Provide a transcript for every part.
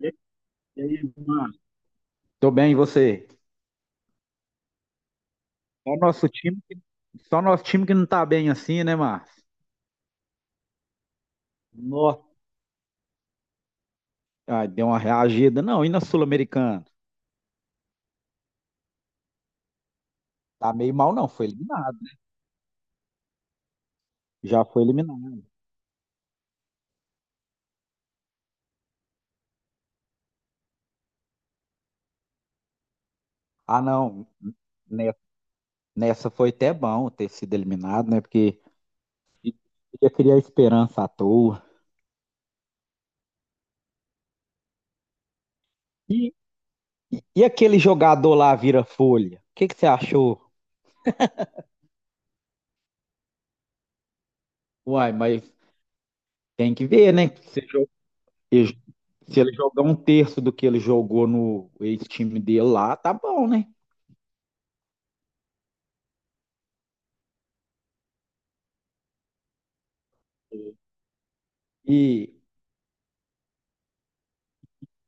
E aí, e aí, Márcio? Tô bem, e você? Só nosso time, que não tá bem assim, né, Márcio? Nossa. Ah, deu uma reagida. Não, e na Sul-Americana? Tá meio mal, não. Foi eliminado. Já foi eliminado. Ah, não. ne- Nessa foi até bom ter sido eliminado, né? Porque ia criar esperança à toa. E, e aquele jogador lá vira folha? O que que você achou? Uai, mas tem que ver, né? E se ele jogar um terço do que ele jogou no ex-time dele lá, tá bom, né? E,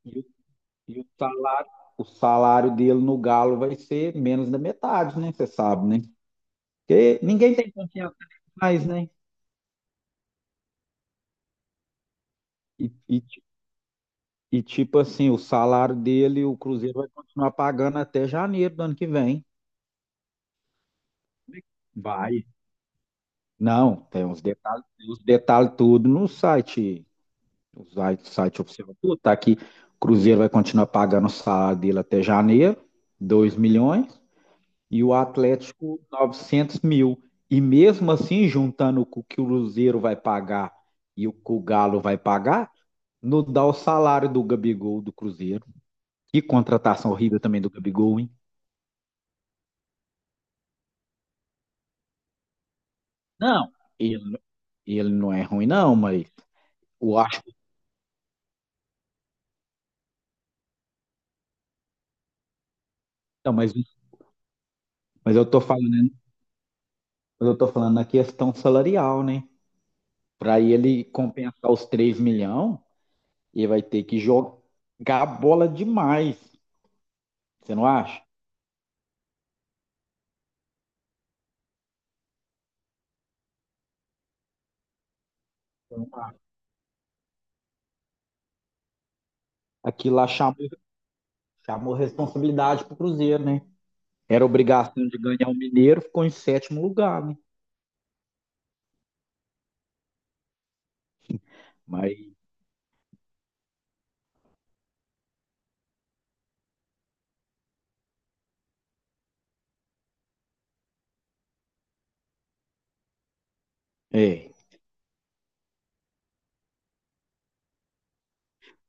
e o e o salário, o salário dele no Galo vai ser menos da metade, né? Você sabe, né? Porque ninguém tem confiança nele mais, né? E, e, e, tipo assim, o salário dele, o Cruzeiro vai continuar pagando até janeiro do ano que vem. Vai. Não, tem uns detalhes, tem os detalhes tudo no site. O site oficial tudo, tá aqui. Cruzeiro vai continuar pagando o salário dele até janeiro, 2 milhões, e o Atlético 900 mil. E mesmo assim, juntando o que o Cruzeiro vai pagar e o que o Galo vai pagar, não dá o salário do Gabigol do Cruzeiro. Que contratação horrível também do Gabigol, hein? Não, ele, ele não é ruim, não, mas eu acho que. Não, mas eu tô falando, eu tô falando na questão salarial, né? Para ele compensar os 3 milhões, ele vai ter que jogar bola demais. Você não acha? Aquilo lá chamou responsabilidade pro Cruzeiro, né? Era obrigação de ganhar o Mineiro, ficou em sétimo lugar, né? Mas, é,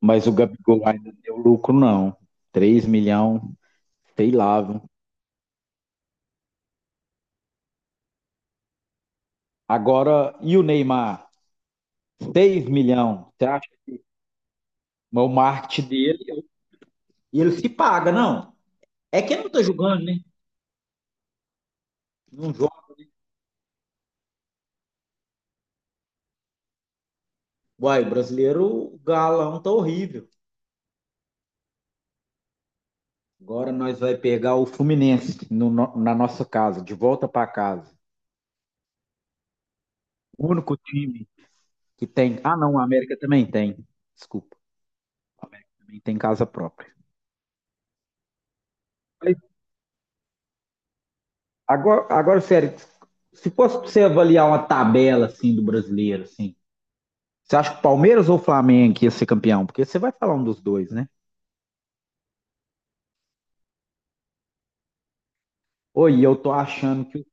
mas o Gabigol ainda deu lucro, não. 3 milhões, sei lá, viu? Agora, e o Neymar? 6 milhões. Você acha que o marketing dele. E ele se paga, não. É que ele não tá jogando, né? Não joga. Uai, brasileiro, o galão tá horrível. Agora nós vai pegar o Fluminense na nossa casa, de volta para casa. O único time que tem. Ah, não, a América também tem. Desculpa, a América também tem casa própria. Mas agora, sério, se fosse pra você avaliar uma tabela assim do brasileiro, assim, você acha que o Palmeiras ou o Flamengo que ia ser campeão? Porque você vai falar um dos dois, né? Oi, eu tô achando que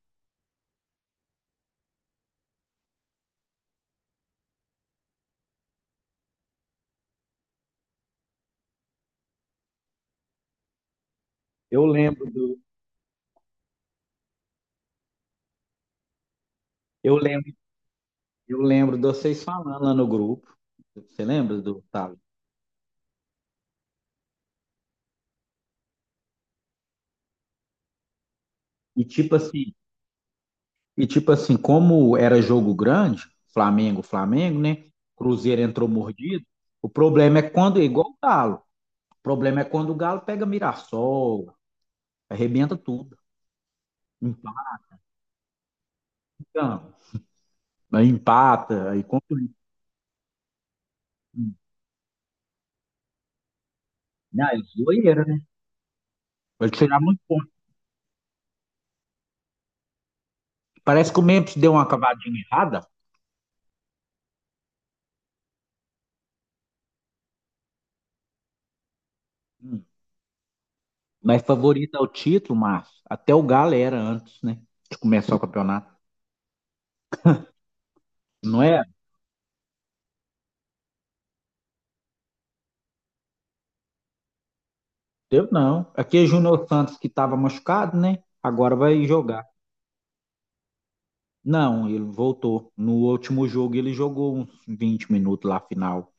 eu lembro do, eu lembro, eu lembro de vocês falando lá no grupo. Você lembra do tá? E tipo assim, e tipo assim, como era jogo grande, Flamengo, Flamengo, né? Cruzeiro entrou mordido. O problema é quando, é igual o Galo. O problema é quando o Galo pega Mirassol, arrebenta tudo. Empata, empata, aí contra. Não, é zoeira, né? Vai tirar muito ponto. Parece que o Memphis deu uma cavadinha errada, hum, mas favorita ao título, Márcio. Até o Galo era antes, né? De começar o campeonato. Não é. Deu não. Aqui é Júnior Santos que estava machucado, né? Agora vai jogar. Não, ele voltou. No último jogo ele jogou uns 20 minutos lá final.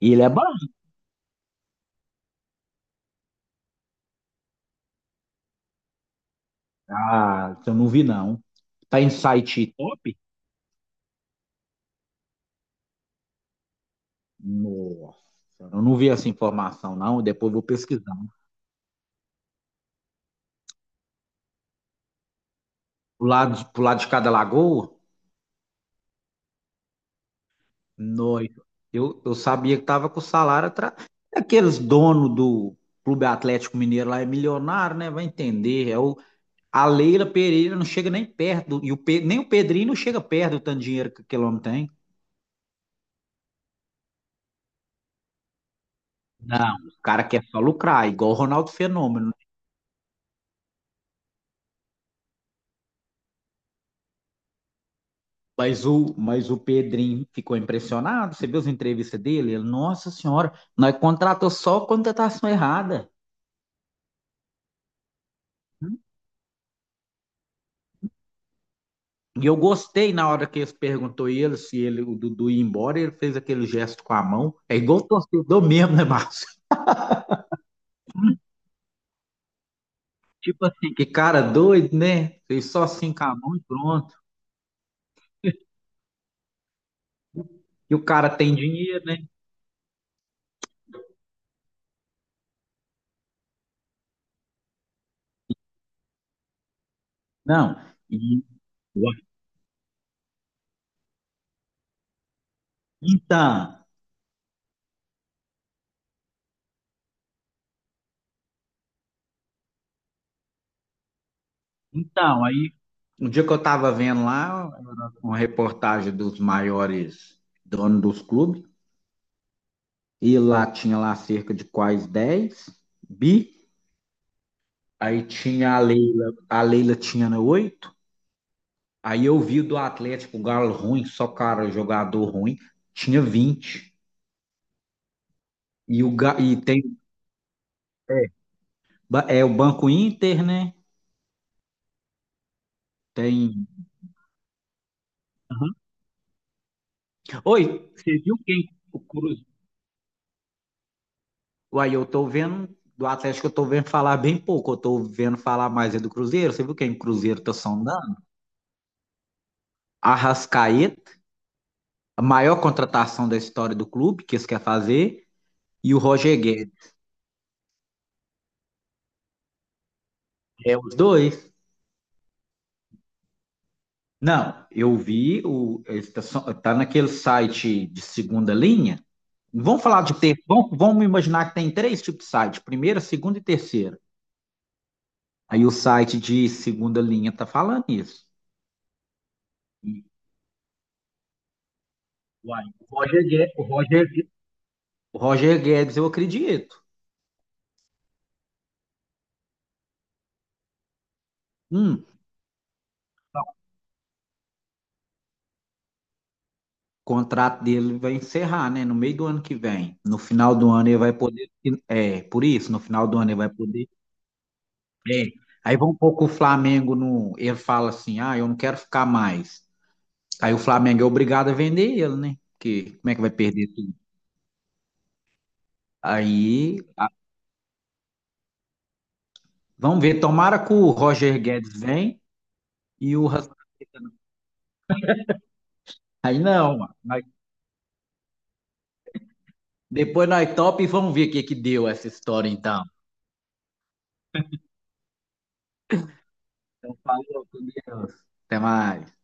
E ele é bom. Ah, eu não vi não. Tá em site top? Nossa, eu não vi essa informação não. Depois eu vou pesquisar. Pro lado, pro lado de cada lagoa? Noito. Eu sabia que tava com o salário atrás. Aqueles donos do Clube Atlético Mineiro lá é milionário, né? Vai entender. A Leila Pereira não chega nem perto, e nem o Pedrinho não chega perto do tanto de dinheiro que aquele homem tem. Não, o cara quer só lucrar, igual o Ronaldo Fenômeno. Mas o Pedrinho ficou impressionado, você viu as entrevistas dele? Ele, nossa senhora, nós contratou só contratação errada. E eu gostei na hora que eles perguntou ele se o Dudu ia embora, ele fez aquele gesto com a mão. É igual o torcedor mesmo, né, Márcio? Tipo assim, que cara doido, né? Fez só assim com a mão e pronto. E o cara tem dinheiro, né? Não, e então, então, aí um dia que eu estava vendo lá uma reportagem dos maiores donos dos clubes, e lá tinha lá cerca de quase 10 bi, aí tinha a Leila tinha né, 8, aí eu vi o do Atlético, o Galo ruim, só cara, jogador ruim, tinha 20. E, o, Ga- e tem é, ba- é o Banco Inter, né? Tem. Aham. Oi, você viu quem? Uai, eu tô vendo do Atlético, eu tô vendo falar bem pouco. Eu tô vendo falar mais é do Cruzeiro. Você viu quem o Cruzeiro tá sondando? Arrascaeta, a maior contratação da história do clube que eles querem fazer, e o Roger Guedes. É os dois. Não, eu vi o eles tá naquele site de segunda linha. Vamos falar de ter, vamos, vamos imaginar que tem três tipos de site, primeira, segunda e terceira. Aí o site de segunda linha tá falando isso. E, uai, o Roger Guedes, eu acredito. O contrato dele vai encerrar, né? No meio do ano que vem. No final do ano ele vai poder. É, por isso, no final do ano ele vai poder. É. Aí vão pouco o Flamengo no. Ele fala assim: ah, eu não quero ficar mais. Aí o Flamengo é obrigado a vender ele, né? Porque como é que vai perder tudo? Aí a- vamos ver, tomara que o Roger Guedes vem e o Rascaeta não. Aí não, mano. Aí depois nós top e vamos ver o que que deu essa história então. Então, falou, com Deus. Até mais.